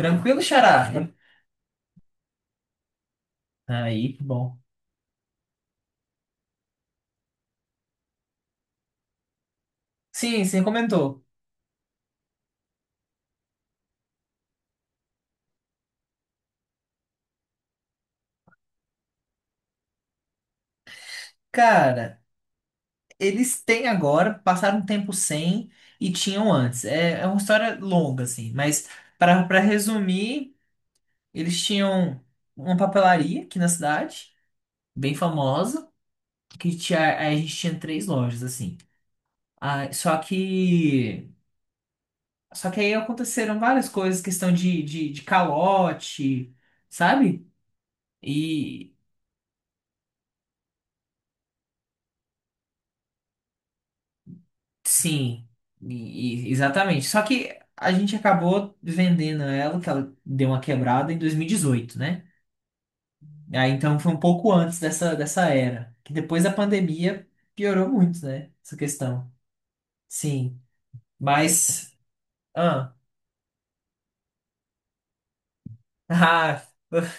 Tranquilo, Xará? Aí, que bom. Sim, você comentou. Cara, eles têm agora, passaram um tempo sem e tinham antes. É, é uma história longa, assim, mas para resumir, eles tinham uma papelaria aqui na cidade, bem famosa, que tinha, aí a gente tinha três lojas, assim. Ah, só que. Só que aí aconteceram várias coisas, questão de, de calote, sabe? e Sim, exatamente. Só que a gente acabou vendendo ela, que ela deu uma quebrada em 2018, né? Aí então foi um pouco antes dessa, dessa era, que depois da pandemia piorou muito, né? Essa questão. Sim, mas. Ah, ah,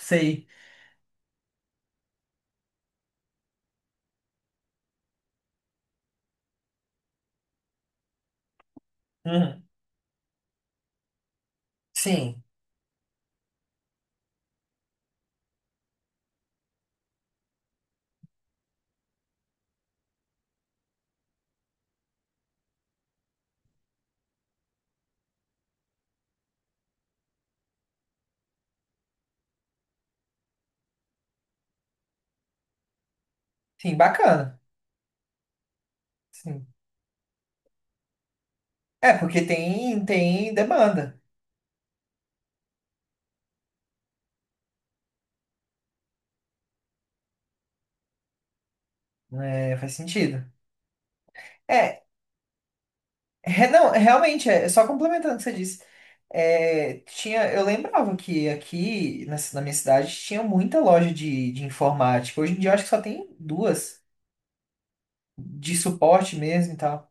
sei. Uhum. Sim, sim, bacana. Sim. É, porque tem demanda, né? Faz sentido. é É, não, é, realmente, é só complementando o que você disse. É, tinha, eu lembrava que aqui na, na minha cidade tinha muita loja de informática. Hoje em dia eu acho que só tem duas de suporte mesmo e tal.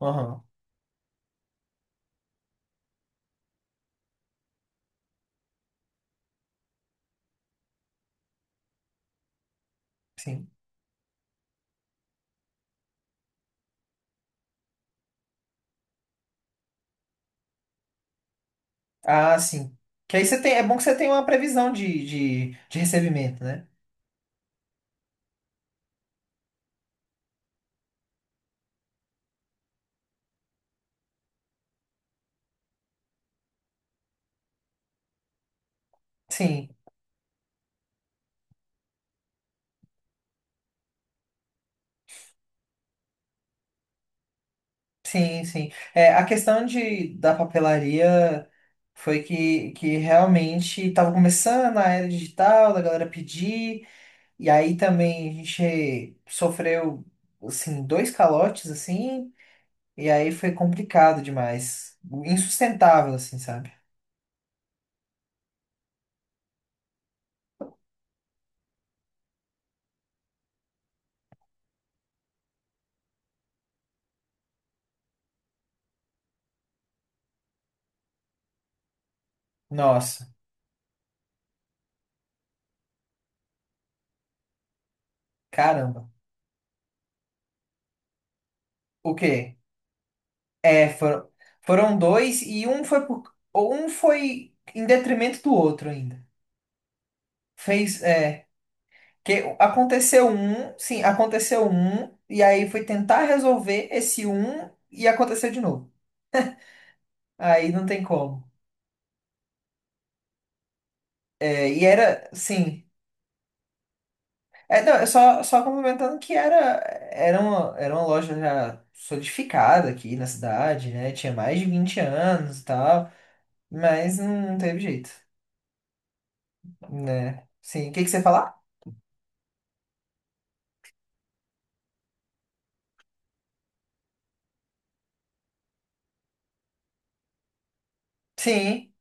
Aham, sim. Ah, sim. Que aí você tem, é bom que você tem uma previsão de, de recebimento, né? Sim, sim, sim. É, a questão de, da papelaria foi que realmente estava começando a era digital, da galera pedir. E aí também a gente sofreu, assim, dois calotes, assim, e aí foi complicado demais. Insustentável, assim, sabe? Nossa, caramba. O quê? É, foram, foram dois e um foi por, ou um foi em detrimento do outro ainda. Fez, é, que aconteceu um, sim, aconteceu um, e aí foi tentar resolver esse um e aconteceu de novo. Aí não tem como. É, e era, sim. É, não, é só, só complementando que era, era uma loja já solidificada aqui na cidade, né? Tinha mais de 20 anos e tal, mas não teve jeito, né? Sim, o que que você ia falar? Sim,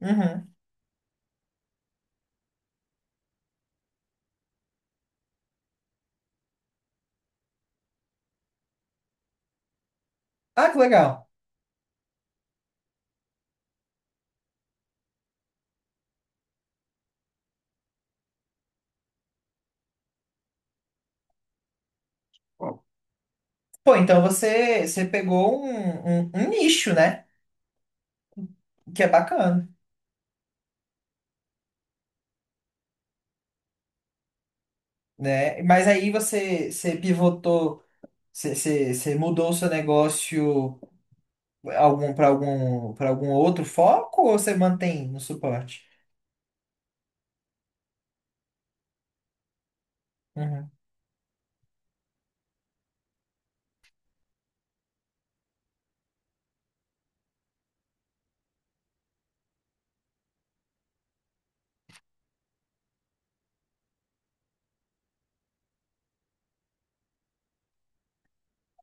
uhum. Ah, que legal. Pô, então você, você, pegou um, um nicho, né? Que é bacana, né? Mas aí você pivotou, você, você mudou o seu negócio para algum outro foco ou você mantém no suporte? Uhum.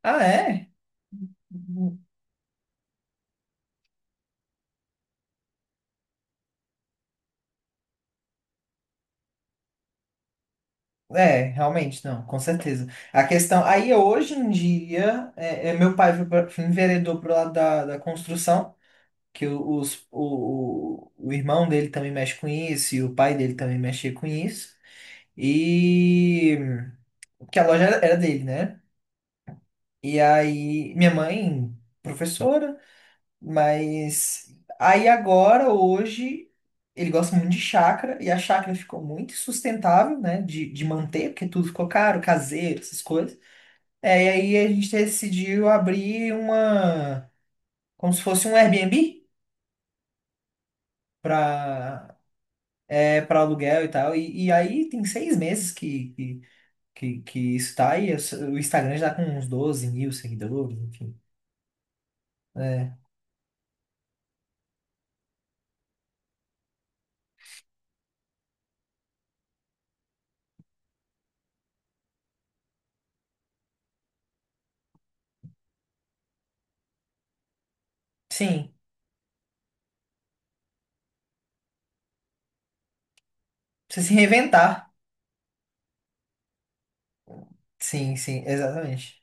Ah, é? É, realmente, não, com certeza. A questão. Aí, hoje em dia, meu pai foi enveredou pro lado da, da construção, que o irmão dele também mexe com isso, e o pai dele também mexia com isso. E. Porque a loja era dele, né? E aí, minha mãe, professora. Mas aí agora, hoje, ele gosta muito de chácara e a chácara ficou muito sustentável, né, de manter, porque tudo ficou caro, caseiro, essas coisas. É, e aí a gente decidiu abrir uma, como se fosse um Airbnb para para aluguel e tal. E aí tem 6 meses que, que isso tá aí. O Instagram já tá com uns 12 mil seguidores, enfim. É, sim, precisa se reinventar. Sim, sim, exatamente.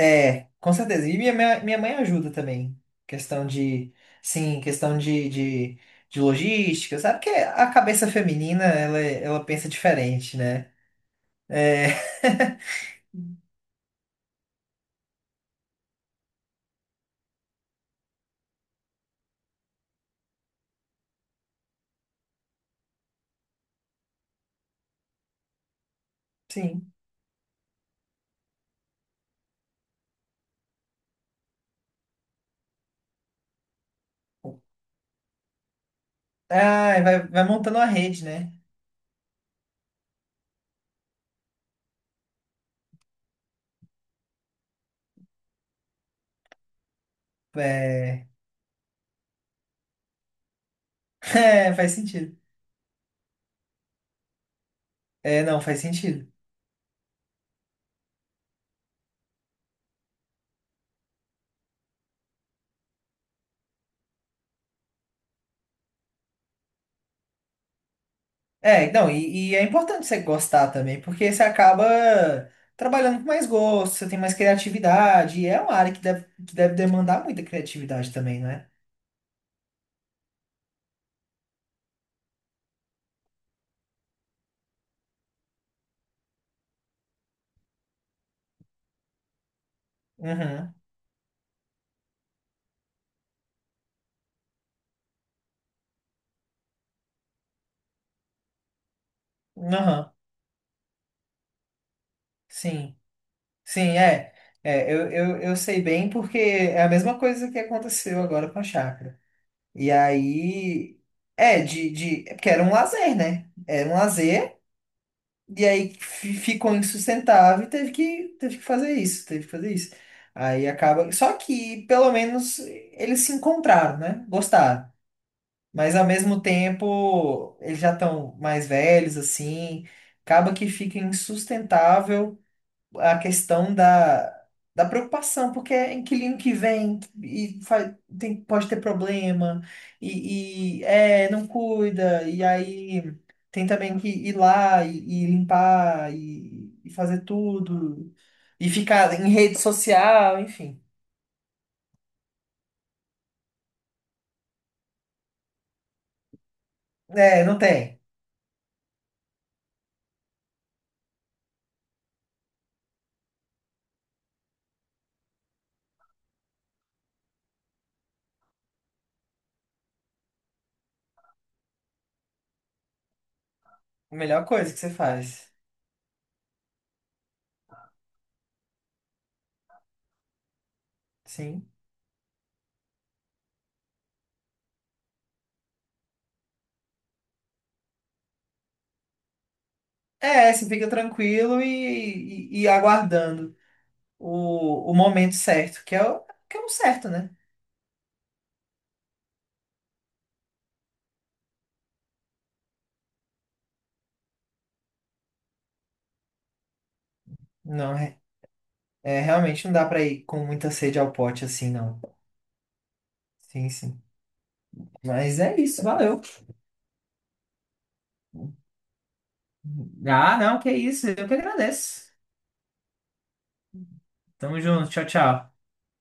É, com certeza. E minha, minha mãe ajuda também. Questão de, sim, questão de, de logística, sabe? Porque a cabeça feminina, ela pensa diferente, né? É, sim. Ah, vai montando uma rede, né? É, é, faz sentido. É, não, faz sentido. É, não, e é importante você gostar também, porque você acaba trabalhando com mais gosto, você tem mais criatividade, e é uma área que deve demandar muita criatividade também, não é? Uhum. Aham. Sim, sim, é. É, eu, eu sei bem porque é a mesma coisa que aconteceu agora com a chácara. E aí, de porque era um lazer, né? Era um lazer, e aí ficou insustentável e teve que fazer isso, teve que fazer isso. Aí acaba. Só que, pelo menos, eles se encontraram, né? Gostaram. Mas ao mesmo tempo, eles já estão mais velhos, assim. Acaba que fica insustentável a questão da, da preocupação, porque é inquilino que vem e faz, tem, pode ter problema, e não cuida, e aí tem também que ir lá e limpar e fazer tudo, e ficar em rede social, enfim. É, não tem. A melhor coisa que você faz. Sim. É, você fica tranquilo e, e aguardando o momento certo, que é o certo, né? Não é É, realmente não dá pra ir com muita sede ao pote assim, não. Sim, sim. Mas é isso, valeu. Ah, não, que isso. Eu que agradeço. Tamo junto. Tchau, tchau.